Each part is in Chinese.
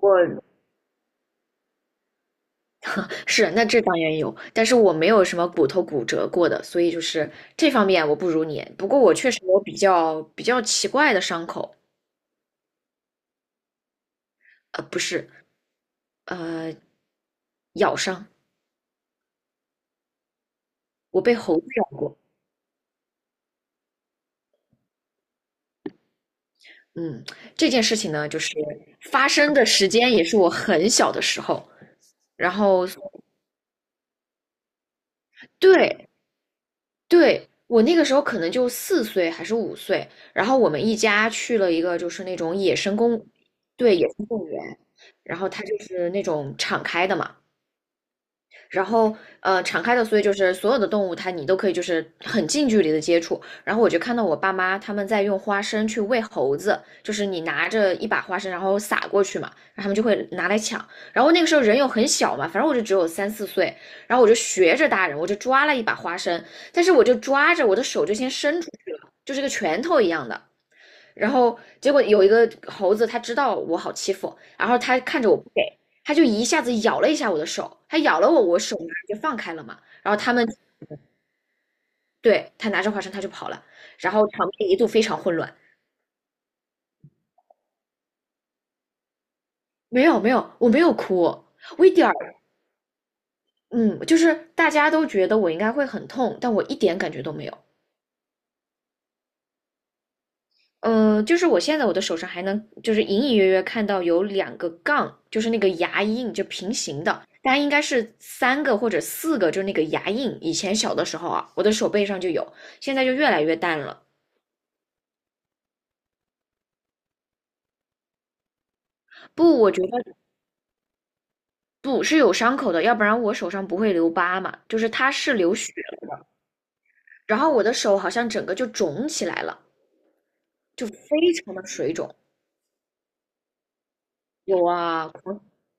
我是，那这当然有，但是我没有什么骨头骨折过的，所以就是这方面我不如你。不过我确实有比较奇怪的伤口，不是，呃，咬伤，我被猴子咬过。嗯，这件事情呢，就是发生的时间也是我很小的时候，然后对，对，我那个时候可能就4岁还是5岁，然后我们一家去了一个就是那种野生公，对，野生动物园，然后它就是那种敞开的嘛，敞开的，所以就是所有的动物它你都可以就是很近距离的接触。然后我就看到我爸妈他们在用花生去喂猴子，就是你拿着一把花生然后撒过去嘛，然后他们就会拿来抢。然后那个时候人又很小嘛，反正我就只有3、4岁，然后我就学着大人，我就抓了一把花生，但是我就抓着我的手就先伸出去了，就是个拳头一样的。然后结果有一个猴子，它知道我好欺负，然后它看着我不给，它就一下子咬了一下我的手，它咬了我，我手马上就放开了嘛。然后他们对它拿着花生，它就跑了，然后场面一度非常混乱。没有没有，我没有哭，我一点儿，嗯，就是大家都觉得我应该会很痛，但我一点感觉都没有。就是我现在我的手上还能，就是隐隐约约看到有2个杠，就是那个牙印，就平行的，大概应该是3个或者4个，就是那个牙印。以前小的时候啊，我的手背上就有，现在就越来越淡了。不，我觉得不是有伤口的，要不然我手上不会留疤嘛。就是它是流血了，然后我的手好像整个就肿起来了，就非常的水肿。有啊，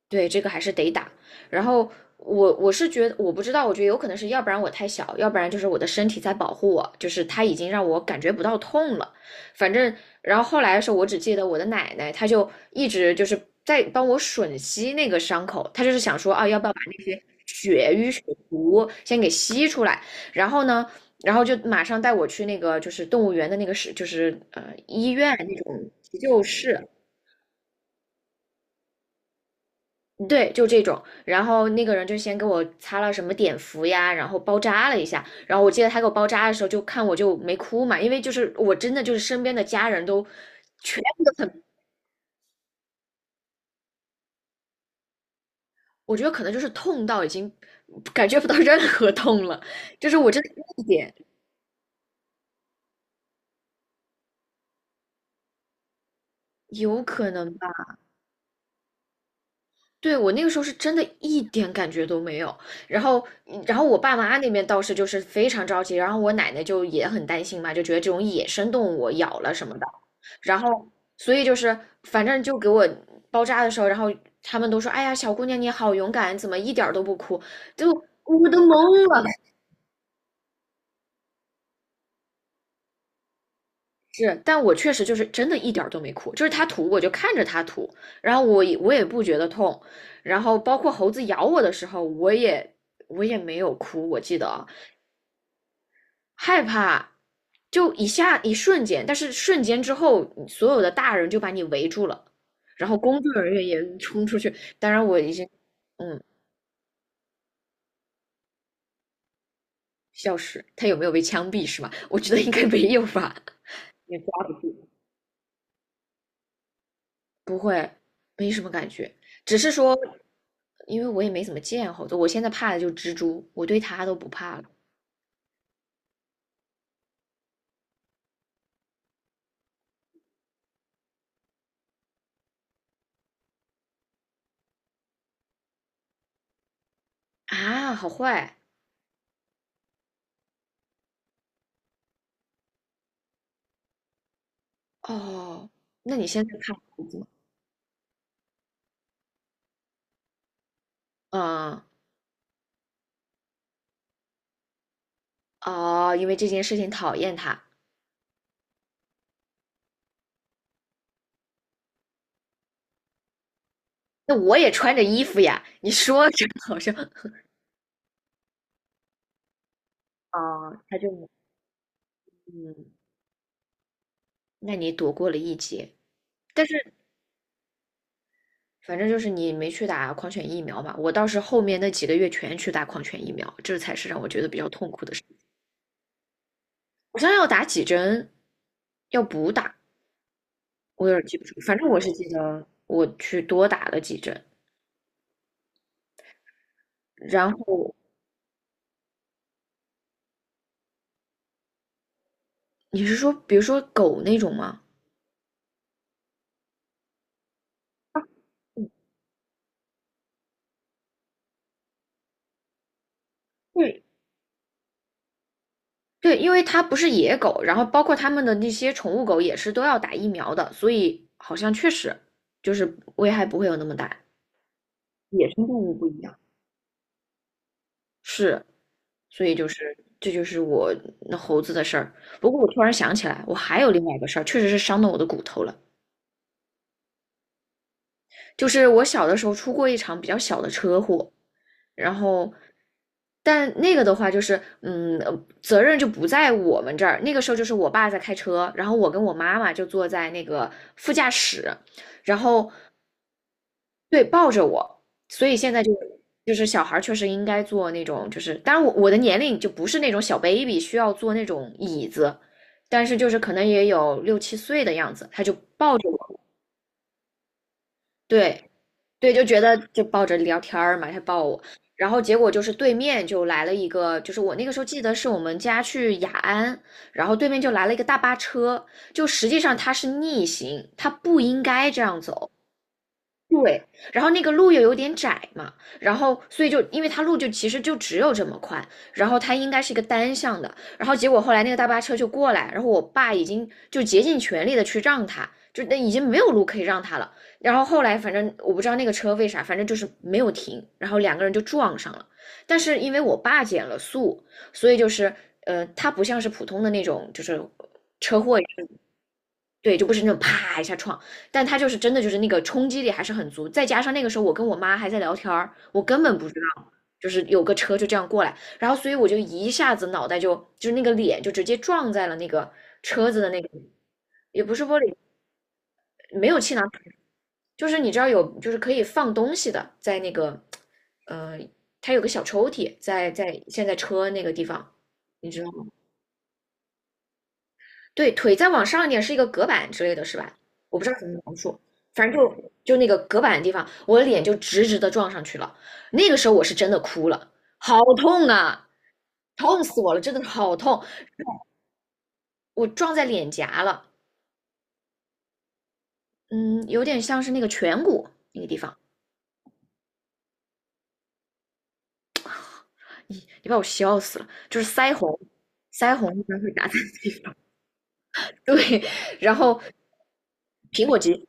对，这个还是得打。然后我是觉得，我不知道，我觉得有可能是要不然我太小，要不然就是我的身体在保护我，就是它已经让我感觉不到痛了。反正，然后后来的时候，我只记得我的奶奶，她就一直就是在帮我吮吸那个伤口，她就是想说啊，要不要把那些血瘀血毒先给吸出来。然后呢，然后就马上带我去那个就是动物园的那个是就是医院那种急救室，对，就这种。然后那个人就先给我擦了什么碘伏呀，然后包扎了一下。然后我记得他给我包扎的时候，就看我就没哭嘛，因为就是我真的就是身边的家人都全部都很，我觉得可能就是痛到已经感觉不到 任何痛了，就是我真的一点有可能吧。对，我那个时候是真的一点感觉都没有，然后，然后我爸妈那边倒是就是非常着急，然后我奶奶就也很担心嘛，就觉得这种野生动物咬了什么的，然后，所以就是反正就给我包扎的时候，然后他们都说，哎呀，小姑娘你好勇敢，怎么一点儿都不哭？就我都懵了，是，但我确实就是真的一点儿都没哭，就是他吐我就看着他吐，然后我也不觉得痛，然后包括猴子咬我的时候，我也没有哭，我记得啊害怕就一下一瞬间，但是瞬间之后，所有的大人就把你围住了，然后工作人员也冲出去，当然我已经嗯笑死，他有没有被枪毙是吗？我觉得应该没有吧，不会，没什么感觉。只是说因为我也没怎么见猴子，我现在怕的就是蜘蛛，我对它都不怕了啊，好坏哦。那你现在怕猴子吗？嗯，哦，因为这件事情讨厌它。那我也穿着衣服呀，你说着好像啊，他就嗯，那你躲过了一劫，但是反正就是你没去打狂犬疫苗嘛。我倒是后面那几个月全去打狂犬疫苗，这才是让我觉得比较痛苦的事。我想想要打几针，要补打，我有点记不住，反正我是记得我去多打了几针。然后你是说，比如说狗那种吗？对，对，因为它不是野狗，然后包括它们的那些宠物狗也是都要打疫苗的，所以好像确实就是危害不会有那么大。野生动物不一样。是，所以就是这就是我那猴子的事儿。不过我突然想起来，我还有另外一个事儿，确实是伤到我的骨头了。就是我小的时候出过一场比较小的车祸，然后，但那个的话就是，嗯，责任就不在我们这儿。那个时候就是我爸在开车，然后我跟我妈妈就坐在那个副驾驶，然后对，抱着我。所以现在就就是小孩儿确实应该坐那种，就是当然我的年龄就不是那种小 baby 需要坐那种椅子，但是就是可能也有6、7岁的样子，他就抱着我，对，对，就觉得就抱着聊天儿嘛，他抱我，然后结果就是对面就来了一个，就是我那个时候记得是我们家去雅安，然后对面就来了一个大巴车，就实际上它是逆行，它不应该这样走，对，然后那个路又有点窄嘛，然后所以就因为它路就其实就只有这么宽，然后它应该是一个单向的，然后结果后来那个大巴车就过来，然后我爸已经就竭尽全力的去让他，就那已经没有路可以让他了，然后后来反正我不知道那个车为啥，反正就是没有停，然后两个人就撞上了，但是因为我爸减了速，所以就是他不像是普通的那种就是车祸。对，就不是那种啪一下撞，但他就是真的就是那个冲击力还是很足，再加上那个时候我跟我妈还在聊天儿，我根本不知道，就是有个车就这样过来，然后所以我就一下子脑袋就就是那个脸就直接撞在了那个车子的那个，也不是玻璃，没有气囊，就是你知道有就是可以放东西的，在那个呃，它有个小抽屉在现在车那个地方，你知道吗？对，腿再往上一点是一个隔板之类的是吧？我不知道怎么描述，反正就那个隔板的地方，我的脸就直直的撞上去了。那个时候我是真的哭了，好痛啊，痛死我了，真的好痛！我撞在脸颊了，嗯，有点像是那个颧骨那个地方，你把我笑死了，就是腮红，腮红一般会打在对，然后苹果肌，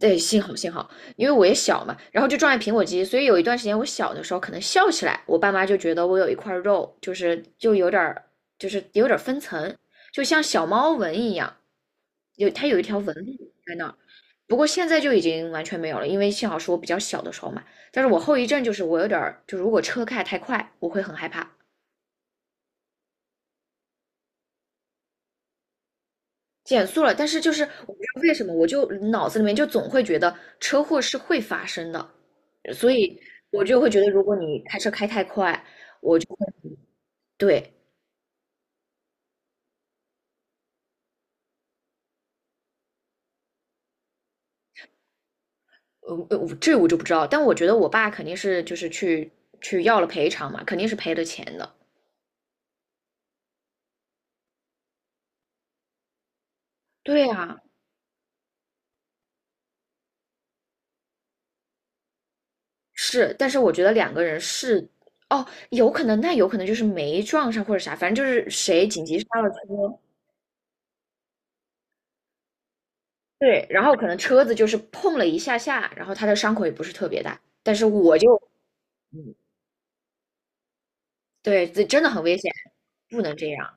对，幸好幸好，因为我也小嘛，然后就撞见苹果肌，所以有一段时间我小的时候可能笑起来，我爸妈就觉得我有一块肉，就是就有点儿就是有点儿分层，就像小猫纹一样，有它有一条纹路在那儿。不过现在就已经完全没有了，因为幸好是我比较小的时候嘛。但是我后遗症就是我有点儿，就如果车开太快，我会很害怕。减速了，但是就是我不知道为什么，我就脑子里面就总会觉得车祸是会发生的，所以我就会觉得，如果你开车开太快，对，这我就不知道，但我觉得我爸肯定是就是去要了赔偿嘛，肯定是赔了钱的。对啊，是，但是我觉得两个人是，哦，有可能，那有可能就是没撞上或者啥，反正就是谁紧急刹了车，对，然后可能车子就是碰了一下下，然后他的伤口也不是特别大，但是我就对，这真的很危险，不能这样。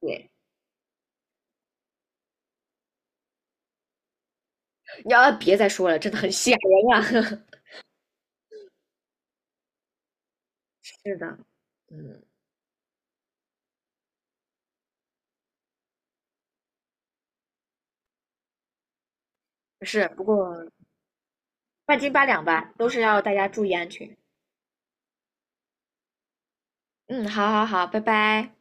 对，你要别再说了，真的很吓人啊。是的，嗯，是，不过半斤八两吧，都是要大家注意安全。嗯，好好好，拜拜。